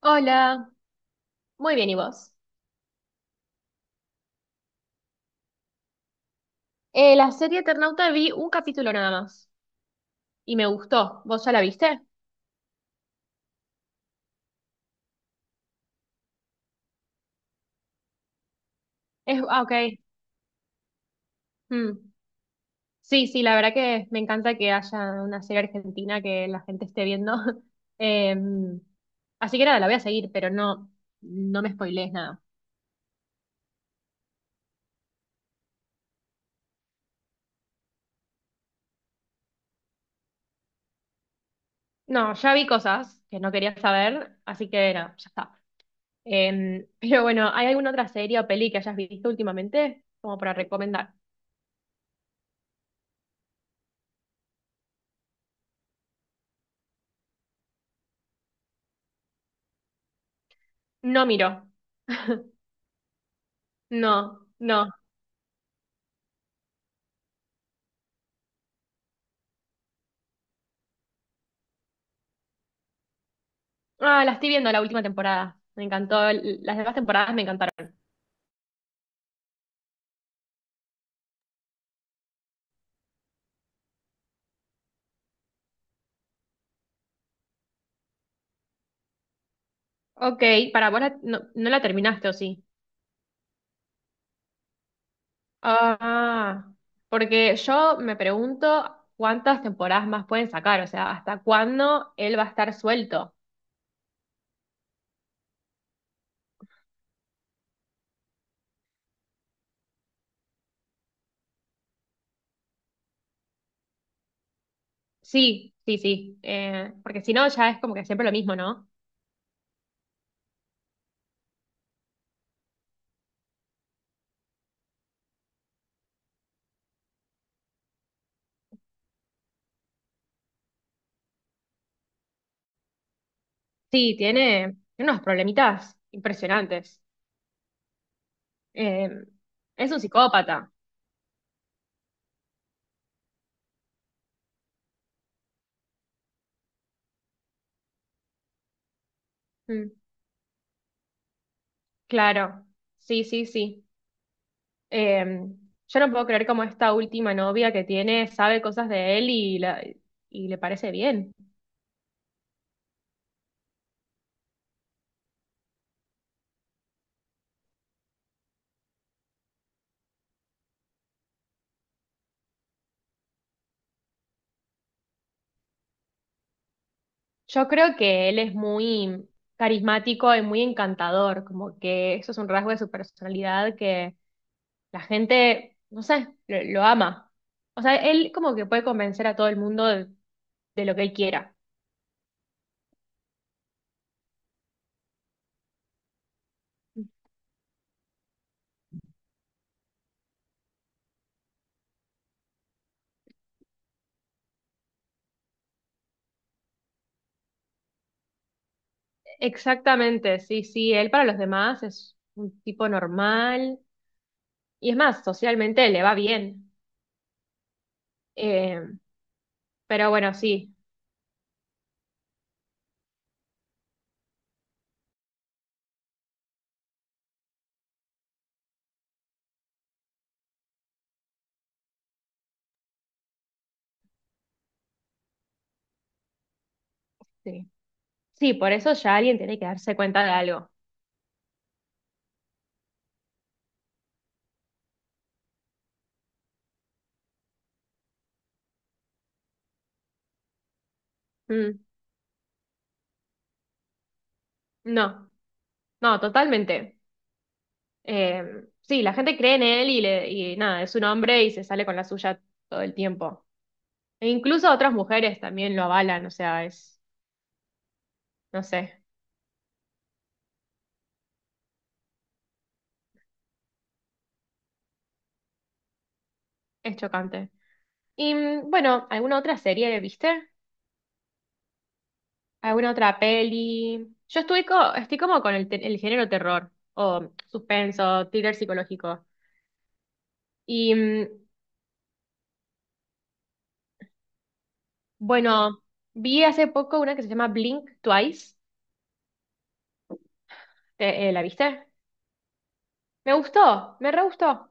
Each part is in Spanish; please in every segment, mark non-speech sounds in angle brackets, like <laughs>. Hola, muy bien, ¿y vos? La serie Eternauta vi un capítulo nada más y me gustó. ¿Vos ya la viste? Ah, ok. Mm. Sí, sí, la verdad que me encanta que haya una serie argentina que la gente esté viendo. <laughs> Em, Así que nada, la voy a seguir, pero no, no me spoilees nada. No, ya vi cosas que no quería saber, así que no, ya está. <laughs> Pero bueno, ¿hay alguna otra serie o peli que hayas visto últimamente como para recomendar? No miro, no, no. Ah, la estoy viendo la última temporada. Me encantó. Las demás temporadas me encantaron. Ok, para vos no, no la terminaste, ¿o sí? Ah, porque yo me pregunto cuántas temporadas más pueden sacar, o sea, ¿hasta cuándo él va a estar suelto? Sí, sí, sí. Porque si no, ya es como que siempre lo mismo, ¿no? Sí, tiene unos problemitas impresionantes. Eh, es un psicópata. Mm, claro. Sí, sí, sí. Eh, yo no puedo creer cómo esta última novia que tiene sabe cosas de él y le parece bien. Yo creo que él es muy carismático y muy encantador, como que eso es un rasgo de su personalidad que la gente, no sé, lo ama. O sea, él como que puede convencer a todo el mundo de lo que él quiera. Exactamente, sí, sí, él para los demás es un tipo normal y es más, socialmente le va bien. Eh, pero bueno, sí. Sí. Sí, por eso ya alguien tiene que darse cuenta de algo. Mm, no, no, totalmente. Eh, sí, la gente cree en él y nada, es un hombre y se sale con la suya todo el tiempo. E incluso otras mujeres también lo avalan, o sea, no sé, es chocante. Y bueno, ¿alguna otra serie viste? ¿Alguna otra peli? Yo estoy, estoy como con el, el género terror o suspenso, thriller psicológico. Y bueno, vi hace poco una que se llama Blink Twice. ¿la viste? Me gustó, me re gustó.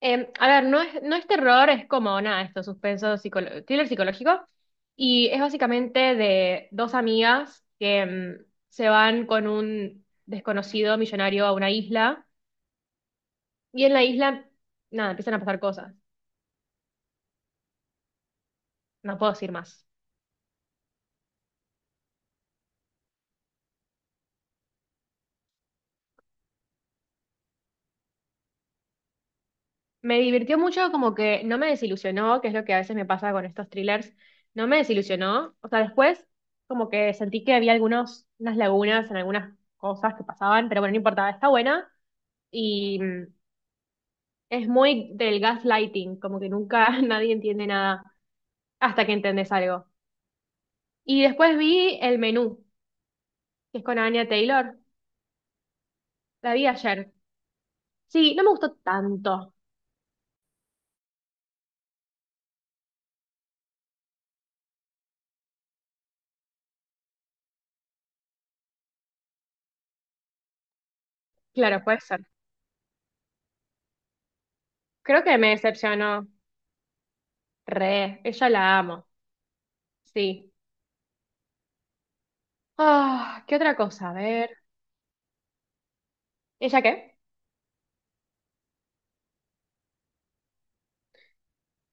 A ver, no es, no es terror, es como nada, esto, suspenso, thriller psicológico. Y es básicamente de dos amigas que se van con un desconocido millonario a una isla. Y en la isla, nada, empiezan a pasar cosas. No puedo decir más. Me divirtió mucho, como que no me desilusionó, que es lo que a veces me pasa con estos thrillers, no me desilusionó. O sea, después como que sentí que había algunos, unas lagunas en algunas cosas que pasaban, pero bueno, no importaba, está buena y es muy del gaslighting, como que nunca <laughs> nadie entiende nada hasta que entendés algo. Y después vi El Menú, que es con Anya Taylor, la vi ayer. Sí, no me gustó tanto, claro, puede ser. Creo que me decepcionó, re, ella la amo, sí. Ah, ¿qué otra cosa? A ver. ¿Ella qué?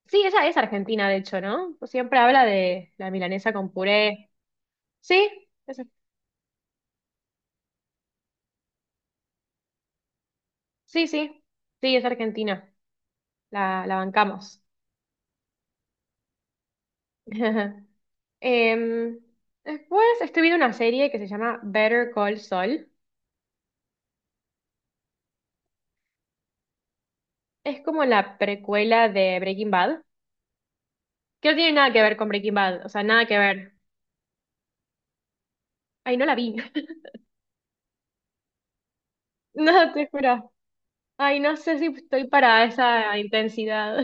Sí, ella es argentina, de hecho, ¿no? Siempre habla de la milanesa con puré. Sí, es- sí, sí. Sí, es argentina. La bancamos. <laughs> Em, Después estoy viendo una serie que se llama Better Call Saul. Es como la precuela de Breaking Bad, que no tiene nada que ver con Breaking Bad, o sea, nada que ver. Ay, no la vi. <laughs> No, te juro. Ay, no sé si estoy para esa intensidad.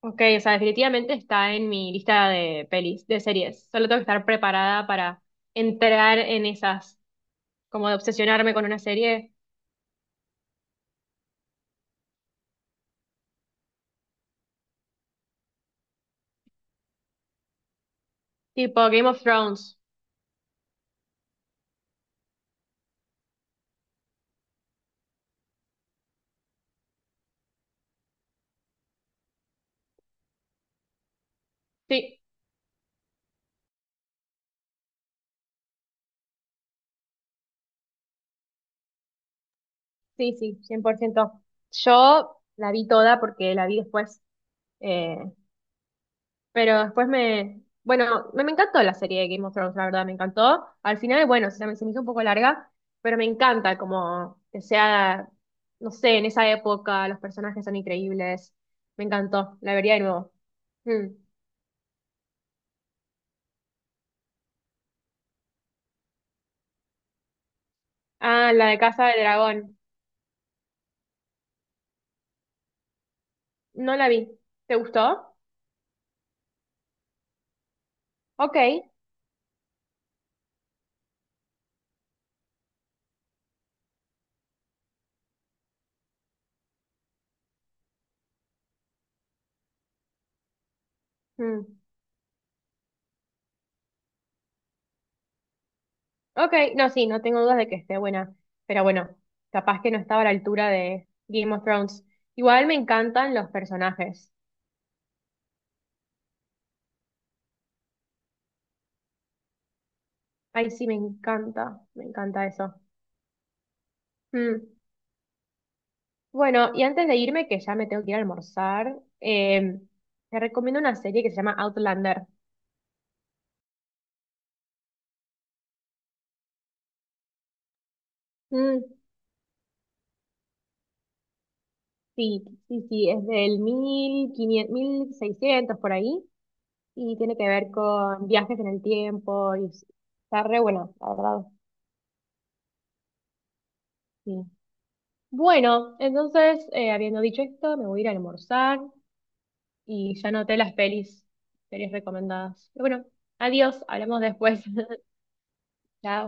Ok, o sea, definitivamente está en mi lista de pelis, de series. Solo tengo que estar preparada para entrar en esas, como de obsesionarme con una serie tipo Game of Thrones. Sí, sí, sí, 100%. Yo la vi toda porque la vi después. eh, Pero después me, bueno, me encantó la serie de Game of Thrones, la verdad, me encantó. Al final, bueno, se me hizo un poco larga, pero me encanta como que sea, no sé, en esa época los personajes son increíbles. Me encantó, la vería de nuevo. Mm. Ah, la de Casa de Dragón. No la vi. ¿Te gustó? Ok. Mm. Ok, no, sí, no tengo dudas de que esté buena, pero bueno, capaz que no estaba a la altura de Game of Thrones. Igual me encantan los personajes. Ay, sí, me encanta eso. Mm. Bueno, y antes de irme, que ya me tengo que ir a almorzar, te recomiendo una serie que se llama Outlander. Mm, sí, sí, sí, es del 1500, 1600 por ahí, y tiene que ver con viajes en el tiempo, y está re bueno, la verdad, sí. Bueno, entonces, habiendo dicho esto, me voy a ir a almorzar, y ya anoté las pelis, series recomendadas. Pero bueno, adiós, hablamos después. <laughs> Chao.